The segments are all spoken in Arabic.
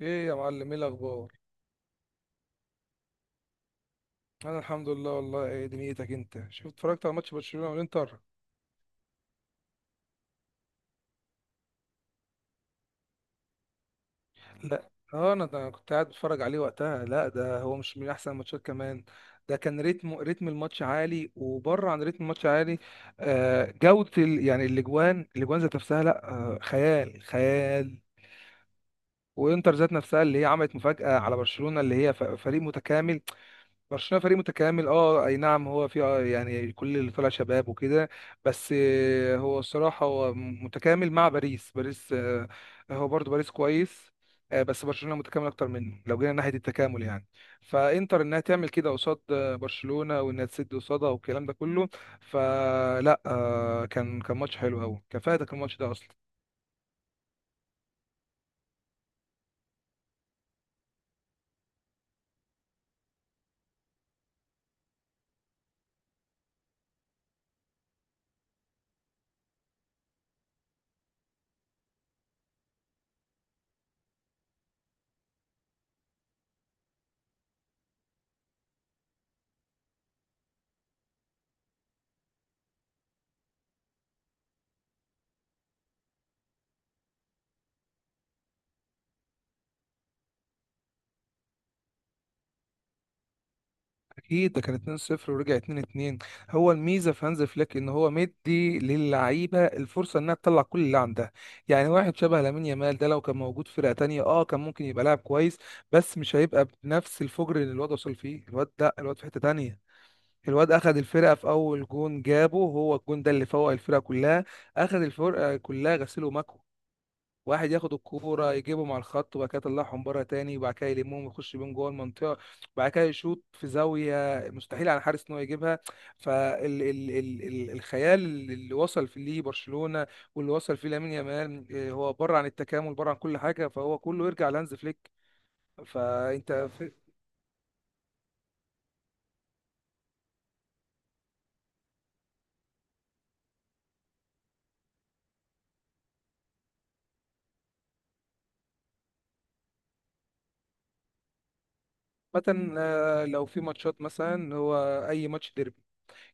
ايه يا معلم، ايه الاخبار؟ انا الحمد لله والله. ايه دنيتك انت؟ شفت اتفرجت على ماتش برشلونة والانتر؟ لا اه انا ده كنت قاعد بتفرج عليه وقتها. لا ده هو مش من احسن الماتشات كمان. ده كان رتم الماتش عالي وبره عن رتم الماتش عالي. آه جودة يعني الاجوان ذات نفسها لا آه، خيال. وانتر ذات نفسها اللي هي عملت مفاجأة على برشلونة اللي هي فريق متكامل. برشلونة فريق متكامل، اه اي نعم. هو في يعني كل اللي طلع شباب وكده. بس هو الصراحة هو متكامل مع باريس. باريس هو برضو باريس كويس، بس برشلونة متكامل اكتر منه لو جينا ناحية التكامل يعني. فانتر انها تعمل كده قصاد برشلونة، وانها تسد قصادها والكلام ده كله. فلا كان ماتش حلو قوي. كان فايتك الماتش ده اصلا. اكيد ده كان 2-0 ورجع 2-2. هو الميزه في هانز فليك ان هو مدي للعيبه الفرصه انها تطلع كل اللي عندها. يعني واحد شبه لامين يامال ده لو كان موجود في فرقه تانية اه كان ممكن يبقى لاعب كويس، بس مش هيبقى بنفس الفجر اللي الواد وصل فيه. الواد ده الواد في حته تانية. الواد اخذ الفرقه في اول جون جابه، هو الجون ده اللي فوق الفرقه كلها. اخذ الفرقه كلها غسيل ومكوى. واحد ياخد الكوره يجيبهم على الخط وبعد كده يطلعهم بره تاني وبعد كده يلمهم ويخش بيهم جوه المنطقه، وبعد كده يشوط في زاويه مستحيل على الحارس ان هو يجيبها. فالخيال اللي وصل فيه ليه برشلونه واللي وصل فيه لامين يامال، هو بره عن التكامل بره عن كل حاجه، فهو كله يرجع لهانز فليك. فانت في- مثلا لو في ماتشات مثلا، هو اي ماتش ديربي،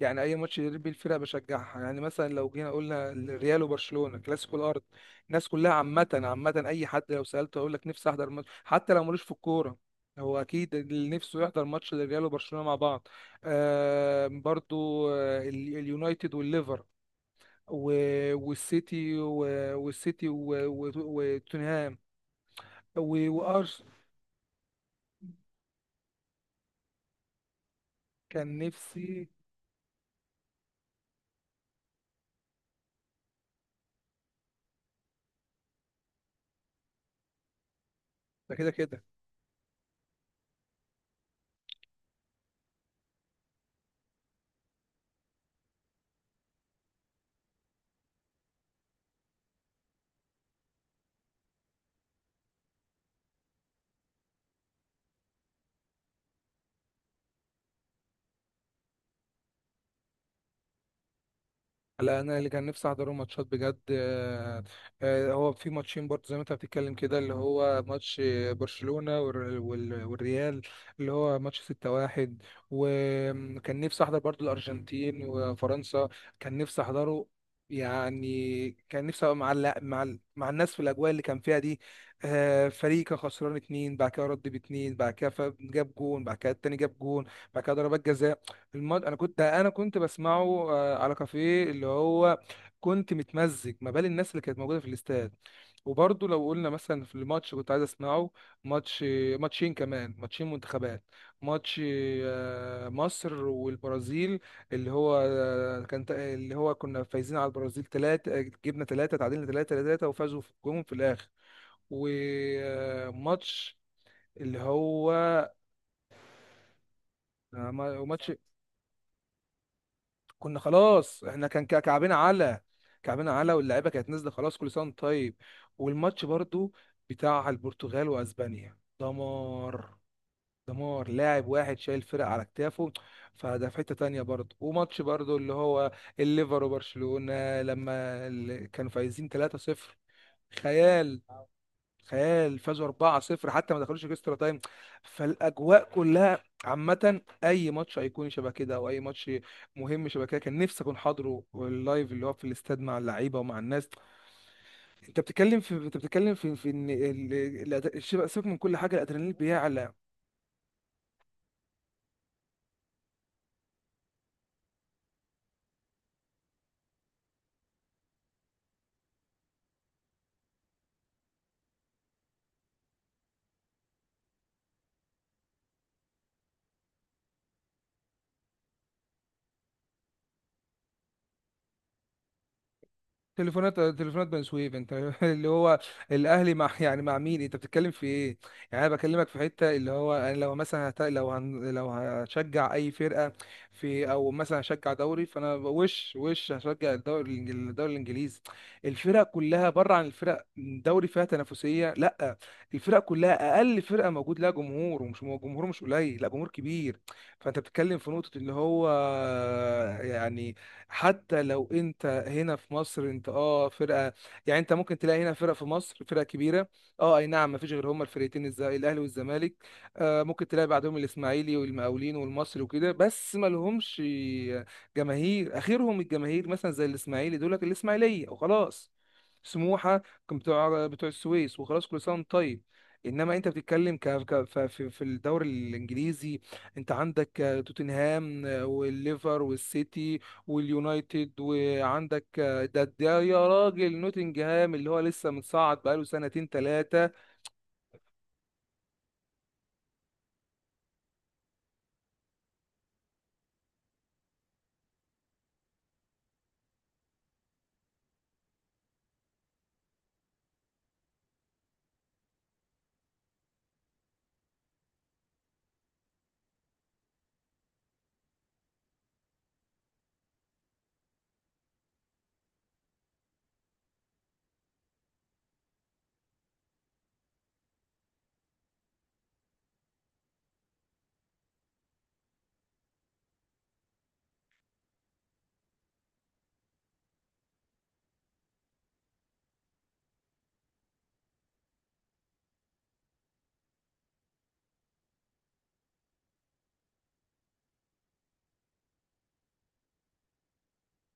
يعني اي ماتش يدير بيه الفرقه بشجعها. يعني مثلا لو جينا قلنا الريال وبرشلونه كلاسيكو الارض، الناس كلها عامه اي حد لو سالته هيقول لك نفسي احضر ماتش حتى لو ملوش في الكوره. هو اكيد اللي نفسه يحضر ماتش للريال وبرشلونه مع بعض. آه برضو، اليونايتد والليفر والسيتي وتوتنهام وارسنال. كان نفسي، ده كده كده. لا انا اللي كان نفسي احضره ماتشات بجد، هو في ماتشين برضه زي ما انت بتتكلم كده، اللي هو ماتش والريال، اللي هو ماتش 6-1. وكان نفسي احضر برضه الارجنتين وفرنسا، كان نفسي احضره. يعني كان نفسي ابقى مع مع الناس في الاجواء اللي كان فيها دي. فريق كان خسران اتنين بعد كده رد باتنين بعد كده جاب جون بعد كده التاني جاب جون بعد كده ضربات جزاء. انا كنت بسمعه على كافيه اللي هو كنت متمزج ما بال الناس اللي كانت موجوده في الاستاد. وبرضه لو قلنا مثلا في الماتش كنت عايز اسمعه. ماتش، ماتشين كمان، ماتشين منتخبات. ماتش مصر والبرازيل، اللي هو اللي هو كنا فايزين على البرازيل ثلاثة، جبنا ثلاثة تعادلنا ثلاثة ثلاثة، وفازوا في الجون في الاخر. وماتش اللي هو وماتش، كنا خلاص احنا كان كعبنا على، كعبنا على، واللعيبه كانت نازله خلاص، كل سنه وانت طيب. والماتش برضو بتاع البرتغال واسبانيا، دمار، دمار. لاعب واحد شايل فرق على كتافه، فده في حته تانية برضو. وماتش برضو اللي هو الليفر وبرشلونه لما كانوا فايزين 3-0، خيال. تخيل فازوا 4-0 حتى ما دخلوش اكسترا تايم. فالاجواء كلها عامه اي ماتش هيكون شبه كده، او اي ماتش مهم شبه كده، كان نفسي اكون حاضره اللايف اللي هو في الاستاد مع اللعيبه ومع الناس. انت بتتكلم في في ان سيبك من كل حاجه، الادرينالين بيعلى. تليفونات، تليفونات بني سويف انت اللي هو الاهلي مع يعني مع مين؟ انت بتتكلم في ايه؟ يعني انا بكلمك في حته اللي هو انا لو مثلا هت... لو هن... لو هشجع اي فرقه في، او مثلا هشجع دوري، فانا وش هشجع الدوري الدوري الانجليزي. الفرق كلها بره عن الفرق، دوري فيها تنافسيه لا، الفرق كلها اقل فرقه موجود لها جمهور، ومش جمهور مش قليل، لا جمهور كبير. فانت بتتكلم في نقطه اللي هو يعني حتى لو انت هنا في مصر انت اه، فرقه، يعني انت ممكن تلاقي هنا فرقه في مصر فرقه كبيره، اه اي نعم. مفيش غير هما الفرقتين الاهلي والزمالك. آه ممكن تلاقي بعدهم الاسماعيلي والمقاولين والمصري وكده، بس ما لهمش جماهير. اخرهم الجماهير مثلا زي الاسماعيلي دول لك الاسماعيليه وخلاص. سموحه كان بتوع، بتوع السويس وخلاص، كل سنه وانت طيب. انما انت بتتكلم ك... ك... ف- في في الدوري الانجليزي، انت عندك توتنهام والليفر والسيتي واليونايتد، وعندك ده ده يا راجل نوتنجهام اللي هو لسه متصعد بقاله سنتين ثلاثة.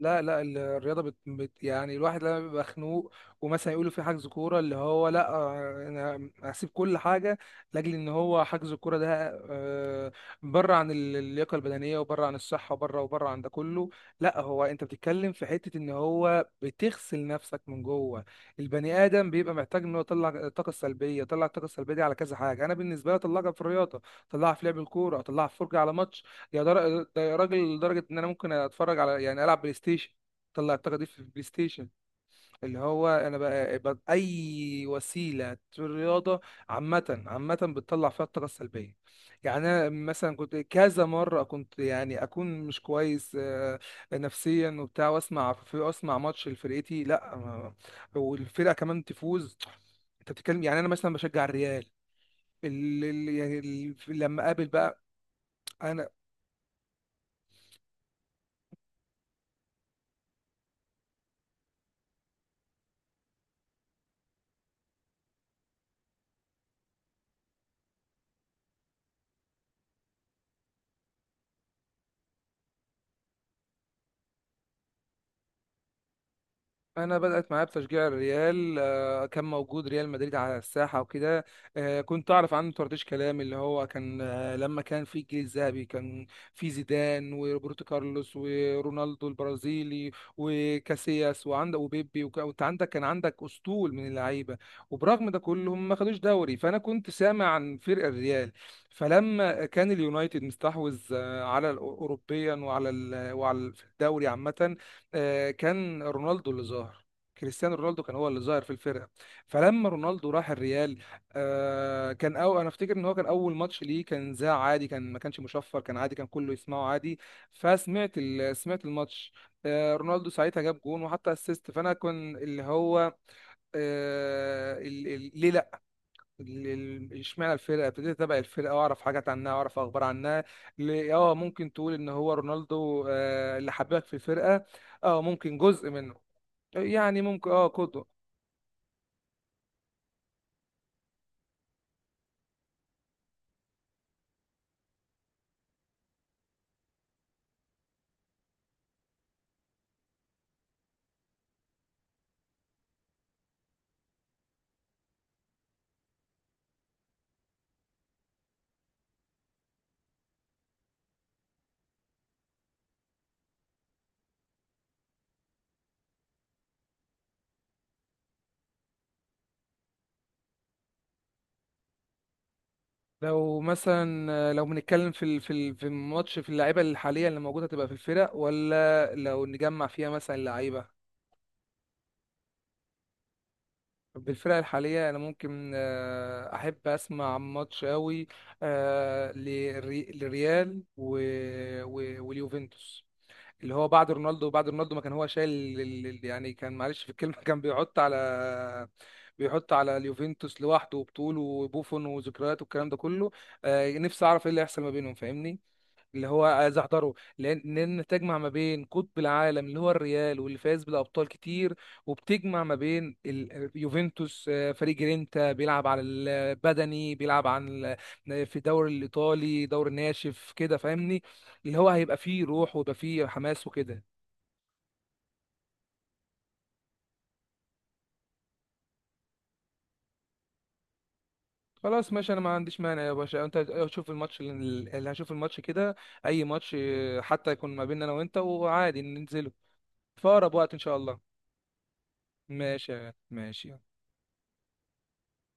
لا لا، الرياضه يعني الواحد لما بيبقى خنوق ومثلا يقولوا في حجز كوره اللي هو لا، انا هسيب كل حاجه لاجل ان هو حجز الكوره ده. آه، بره عن اللياقه البدنيه وبره عن الصحه وبره وبره عن ده كله، لا. هو انت بتتكلم في حته ان هو بتغسل نفسك من جوه. البني ادم بيبقى محتاج ان هو يطلع الطاقه السلبيه. يطلع الطاقه السلبيه دي على كذا حاجه، انا بالنسبه لي اطلعها في الرياضه، اطلعها في لعب الكوره، اطلعها في فرجه على ماتش. ده يا راجل لدرجة إن أنا ممكن أتفرج على، يعني ألعب بلاي ستيشن. طلع الطاقة دي في البلاي ستيشن اللي هو. أنا بقى أي وسيلة رياضة عامة بتطلع فيها الطاقة السلبية. يعني أنا مثلا كنت كذا مرة كنت يعني أكون مش كويس، نفسيا وبتاع، وأسمع أسمع ماتش لفرقتي، لأ ما- والفرقة كمان تفوز. أنت بتتكلم يعني أنا مثلا بشجع الريال، يعني لما قابل بقى. انا انا بدات معايا بتشجيع الريال، كان موجود ريال مدريد على الساحه وكده. كنت اعرف عنه طرطيش كلام، اللي هو كان لما كان في الجيل الذهبي كان في زيدان وروبرتو كارلوس ورونالدو البرازيلي وكاسياس وعندك وبيبي وانت عندك كان عندك اسطول من اللعيبه. وبرغم ده كله هم ما خدوش دوري، فانا كنت سامع عن فرق الريال. فلما كان اليونايتد مستحوذ على اوروبيا وعلى وعلى الدوري عامه، كان رونالدو اللي ظاهر. كريستيانو رونالدو كان هو اللي ظاهر في الفرقه. فلما رونالدو راح الريال، كان، أو انا افتكر ان هو كان اول ماتش ليه كان ذاع عادي، كان ما كانش مشفر، كان عادي كان كله يسمعه عادي. فسمعت سمعت الماتش، رونالدو ساعتها جاب جون وحتى اسيست. فانا كان اللي هو آه، ال- ال- ليه اشمعنى الفرقه، ابتديت اتابع الفرقه واعرف حاجات عنها واعرف اخبار عنها. اه ممكن تقول ان هو رونالدو اللي حببك في الفرقه. اه ممكن جزء منه، يعني ممكن اه كله. لو مثلا لو بنتكلم في في الماتش في اللعيبه اللي حاليا اللي موجوده تبقى في الفرق، ولا لو نجمع فيها مثلا لعيبه بالفرق الحاليه. انا ممكن احب اسمع ماتش قوي للريال واليوفنتوس، اللي هو بعد رونالدو. بعد رونالدو ما كان هو شايل يعني كان، معلش في الكلمة كان بيحط على، بيحط على اليوفنتوس لوحده وبطوله وبوفون وذكريات والكلام ده كله. نفسي اعرف ايه اللي هيحصل ما بينهم فاهمني؟ اللي هو عايز احضره لان، لان تجمع ما بين قطب العالم اللي هو الريال واللي فاز بالابطال كتير، وبتجمع ما بين يوفنتوس فريق جرينتا بيلعب على البدني بيلعب عن في الدوري الايطالي، دوري ناشف كده فاهمني؟ اللي هو هيبقى فيه روح ويبقى فيه حماس وكده. خلاص ماشي، انا ما عنديش مانع يا باشا. انت شوف الماتش اللي، اللي هشوف الماتش كده اي ماتش، حتى يكون ما بيننا انا وانت، وعادي ننزله في اقرب وقت ان شاء الله. ماشي يا غالي، ماشي.